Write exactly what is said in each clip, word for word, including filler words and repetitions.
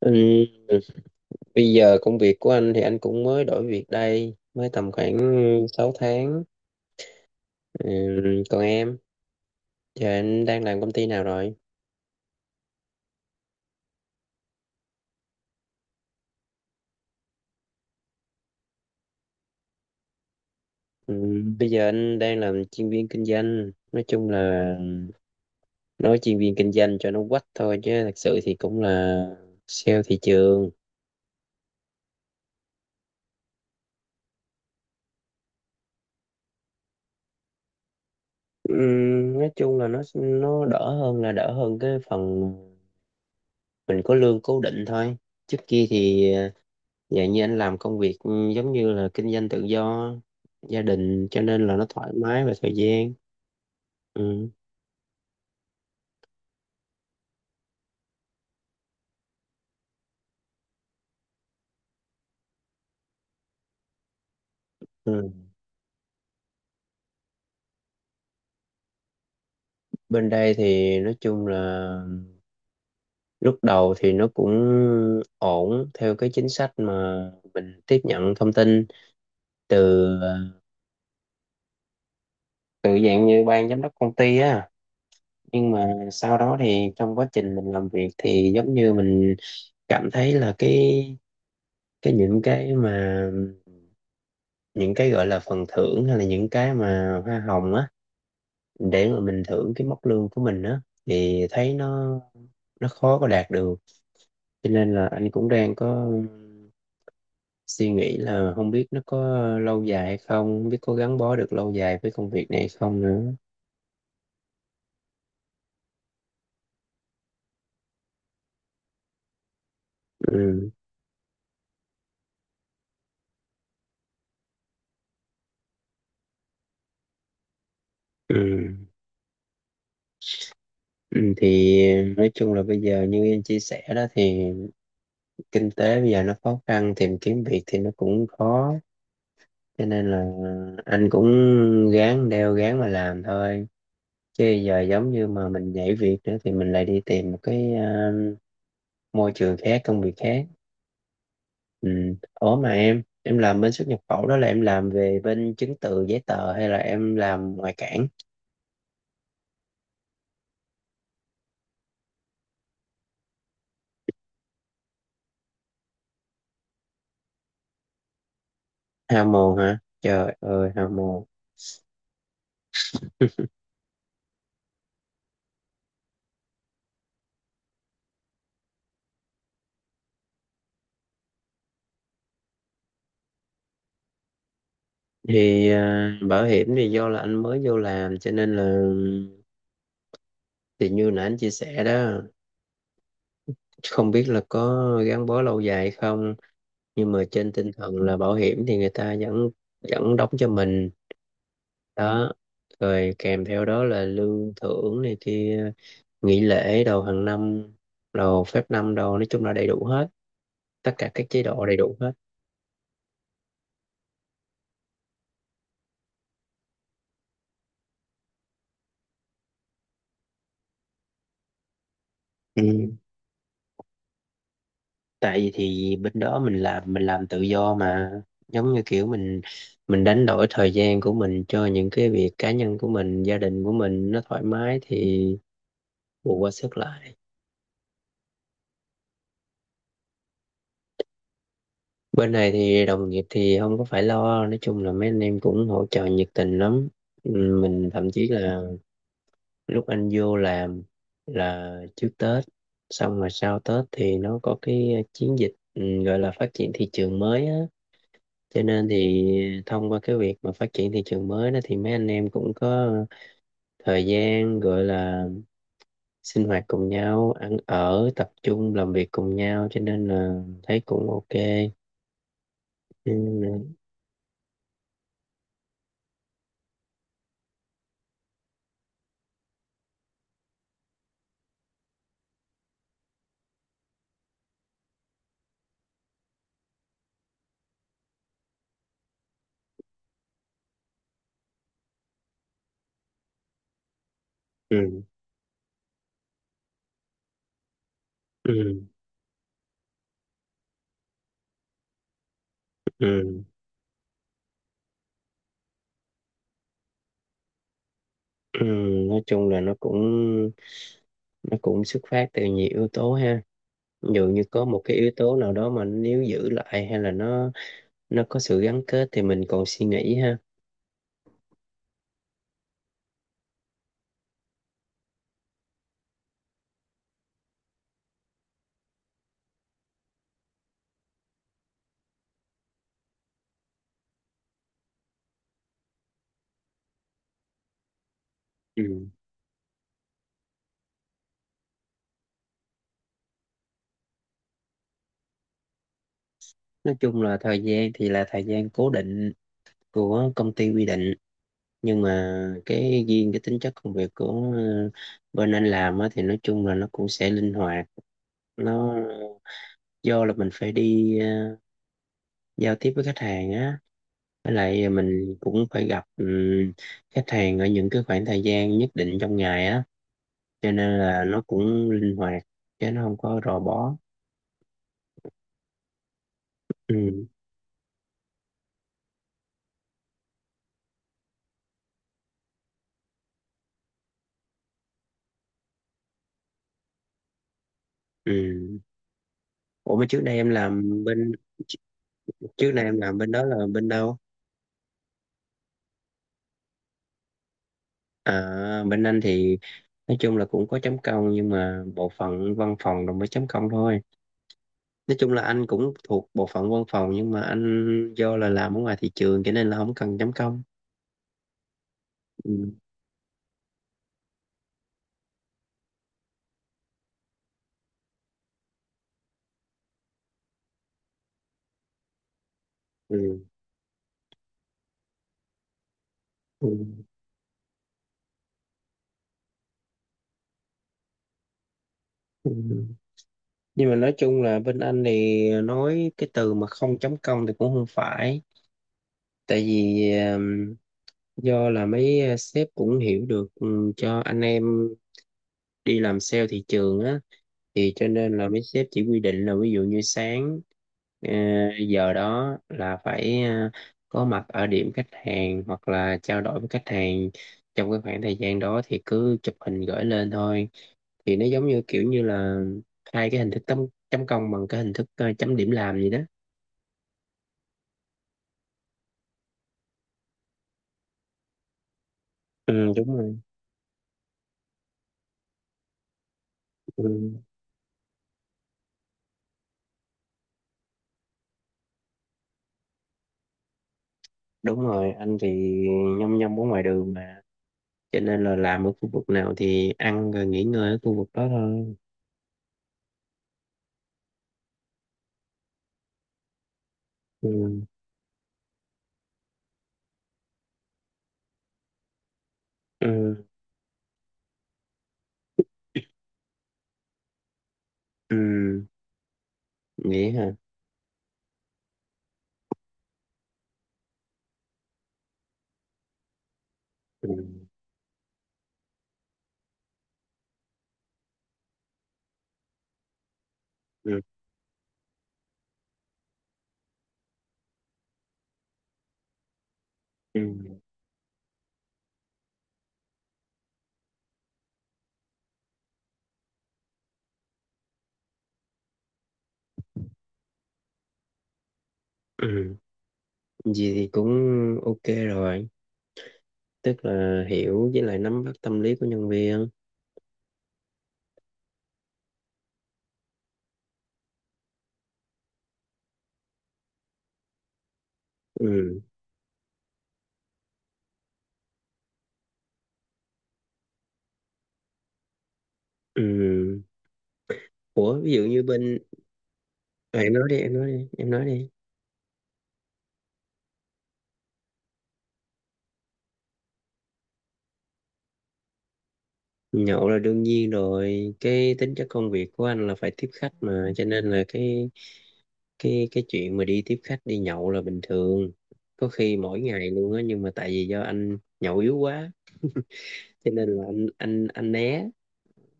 Ừ, bây giờ công việc của anh thì anh cũng mới đổi việc đây, mới tầm khoảng sáu tháng. Ừ, còn em, giờ anh đang làm công ty nào rồi? Ừ, bây giờ anh đang làm chuyên viên kinh doanh. Nói chung là nói chuyên viên kinh doanh cho nó quách thôi chứ thật sự thì cũng là sale thị trường. Ừ, nói chung là nó nó đỡ hơn, là đỡ hơn cái phần mình có lương cố định thôi. Trước kia thì à, dạ như anh làm công việc ừ, giống như là kinh doanh tự do, gia đình cho nên là nó thoải mái về thời gian. Ừ. Ừ. Bên đây thì nói chung là lúc đầu thì nó cũng ổn theo cái chính sách mà mình tiếp nhận thông tin từ ờ, từ dạng như ban giám đốc công ty á. Nhưng mà sau đó thì trong quá trình mình làm việc thì giống như mình cảm thấy là cái cái những cái mà những cái gọi là phần thưởng hay là những cái mà hoa hồng á, để mà mình thưởng cái mốc lương của mình á thì thấy nó nó khó có đạt được, cho nên là anh cũng đang có suy nghĩ là không biết nó có lâu dài hay không, không biết có gắn bó được lâu dài với công việc này hay không nữa. Ừ. Ừ. Ừ, thì nói chung là bây giờ như em chia sẻ đó thì kinh tế bây giờ nó khó khăn, tìm kiếm việc thì nó cũng khó, cho nên là anh cũng ráng đeo ráng mà làm thôi, chứ giờ giống như mà mình nhảy việc nữa thì mình lại đi tìm một cái ờ, môi trường khác, công việc khác. Ừ. Ủa mà em em làm bên xuất nhập khẩu đó là em làm về bên chứng từ giấy tờ hay là em làm ngoại cảng? Hao mồm hả, trời ơi, hao mồm. thì à, bảo hiểm thì do là anh mới vô làm cho nên là, thì như nãy anh chia sẻ đó, không biết là có gắn bó lâu dài hay không, nhưng mà trên tinh thần là bảo hiểm thì người ta vẫn vẫn đóng cho mình đó, rồi kèm theo đó là lương thưởng này kia, nghỉ lễ đầu hàng năm, đầu phép năm đầu, nói chung là đầy đủ hết, tất cả các chế độ đầy đủ hết. Ừ, tại vì thì bên đó mình làm mình làm tự do mà, giống như kiểu mình mình đánh đổi thời gian của mình cho những cái việc cá nhân của mình, gia đình của mình nó thoải mái thì bù qua sức lại. Bên này thì đồng nghiệp thì không có phải lo, nói chung là mấy anh em cũng hỗ trợ nhiệt tình lắm. Ừ, mình thậm chí là lúc anh vô làm là trước Tết, xong rồi sau Tết thì nó có cái chiến dịch ừ, gọi là phát triển thị trường mới á, cho nên thì thông qua cái việc mà phát triển thị trường mới đó thì mấy anh em cũng có thời gian, gọi là sinh hoạt cùng nhau, ăn ở tập trung làm việc cùng nhau, cho nên là thấy cũng ok. Ừ, ừ, ừ, ừ, ừ. Nói chung là nó cũng nó cũng xuất phát từ nhiều yếu tố ha, dường như có một cái yếu tố nào đó mà nếu giữ lại hay là nó nó có sự gắn kết thì mình còn suy nghĩ ha. Ừ. Nói chung là thời gian thì là thời gian cố định của công ty quy định, nhưng mà cái riêng, cái tính chất công việc của ờ, bên anh làm á, thì nói chung là nó cũng sẽ linh hoạt, nó do là mình phải đi ờ, giao tiếp với khách hàng á, với lại mình cũng phải gặp ừm, khách hàng ở những cái khoảng thời gian nhất định trong ngày á, cho nên là nó cũng linh hoạt chứ nó không có rò bó. Ừ. Ừ. Ủa mà trước đây em làm bên trước đây em làm bên đó là bên đâu? À, bên anh thì nói chung là cũng có chấm công, nhưng mà bộ phận văn phòng rồi mới chấm công thôi, nói chung là anh cũng thuộc bộ phận văn phòng nhưng mà anh do là làm ở ngoài thị trường cho nên là không cần chấm công. Ừ. Ừ. Ừ. Ừ. Nhưng mà nói chung là bên anh thì nói cái từ mà không chấm công thì cũng không phải, tại vì um, do là mấy ờ, sếp cũng hiểu được, ừ, cho anh em đi làm sale thị trường á, thì cho nên là mấy sếp chỉ quy định là ví dụ như sáng ờ, giờ đó là phải ờ, có mặt ở điểm khách hàng hoặc là trao đổi với khách hàng, trong cái khoảng thời gian đó thì cứ chụp hình gửi lên thôi, thì nó giống như kiểu như là hai cái hình thức, chấm chấm công bằng cái hình thức ờ, chấm điểm làm gì đó. Ừ, đúng rồi. Ừ, đúng rồi, anh thì nhăm nhăm ở ngoài đường mà, cho nên là làm ở khu vực nào thì ăn rồi nghỉ ngơi ở khu vực đó thôi. Ừ. Ừ. Ừ. Nghĩ hả? Ừ. Ừ. Ừ. Ừ. Gì thì cũng ok rồi, tức là hiểu với lại nắm bắt tâm lý của nhân viên. Ừ. Ừ. Ủa ví dụ như bên. À, em nói đi, em nói đi, em nói đi. Nhậu là đương nhiên rồi, cái tính chất công việc của anh là phải tiếp khách mà, cho nên là cái cái cái chuyện mà đi tiếp khách đi nhậu là bình thường, có khi mỗi ngày luôn á, nhưng mà tại vì do anh nhậu yếu quá cho nên là anh anh anh né,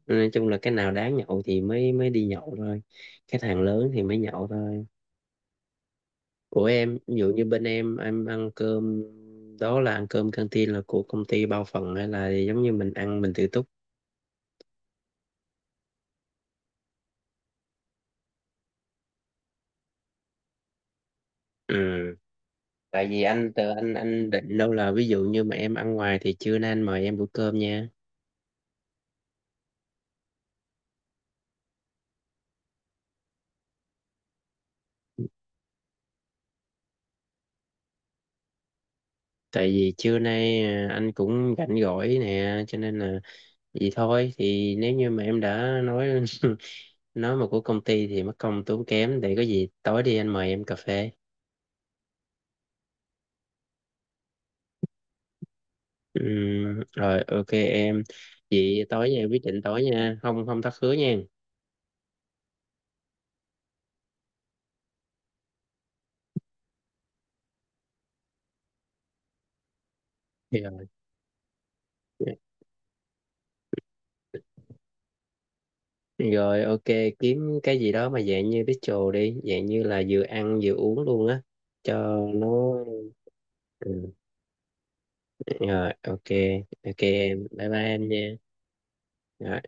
nói chung là cái nào đáng nhậu thì mới mới đi nhậu thôi, cái thằng lớn thì mới nhậu thôi. Của em, ví dụ như bên em em ăn cơm đó là ăn cơm canteen là của công ty bao phần hay là giống như mình ăn mình tự túc? Ừ. Tại vì anh từ anh anh định đâu là ví dụ như mà em ăn ngoài thì trưa nay anh mời em bữa cơm nha, tại vì trưa nay à, anh cũng rảnh rỗi nè cho nên là vậy thôi, thì nếu như mà em đã nói nói mà của công ty thì mất công tốn kém, để có gì tối đi anh mời em cà phê. Ừm, rồi, ok em. Vậy tối nha, quyết định tối nha, không, không thất hứa nha. Dạ. Rồi, ok, kiếm cái gì đó mà dạng như bistro đi, dạng như là vừa ăn vừa uống luôn á, cho nó. Ừ. Rồi, ok. Ok em, bye bye em nha. Rồi.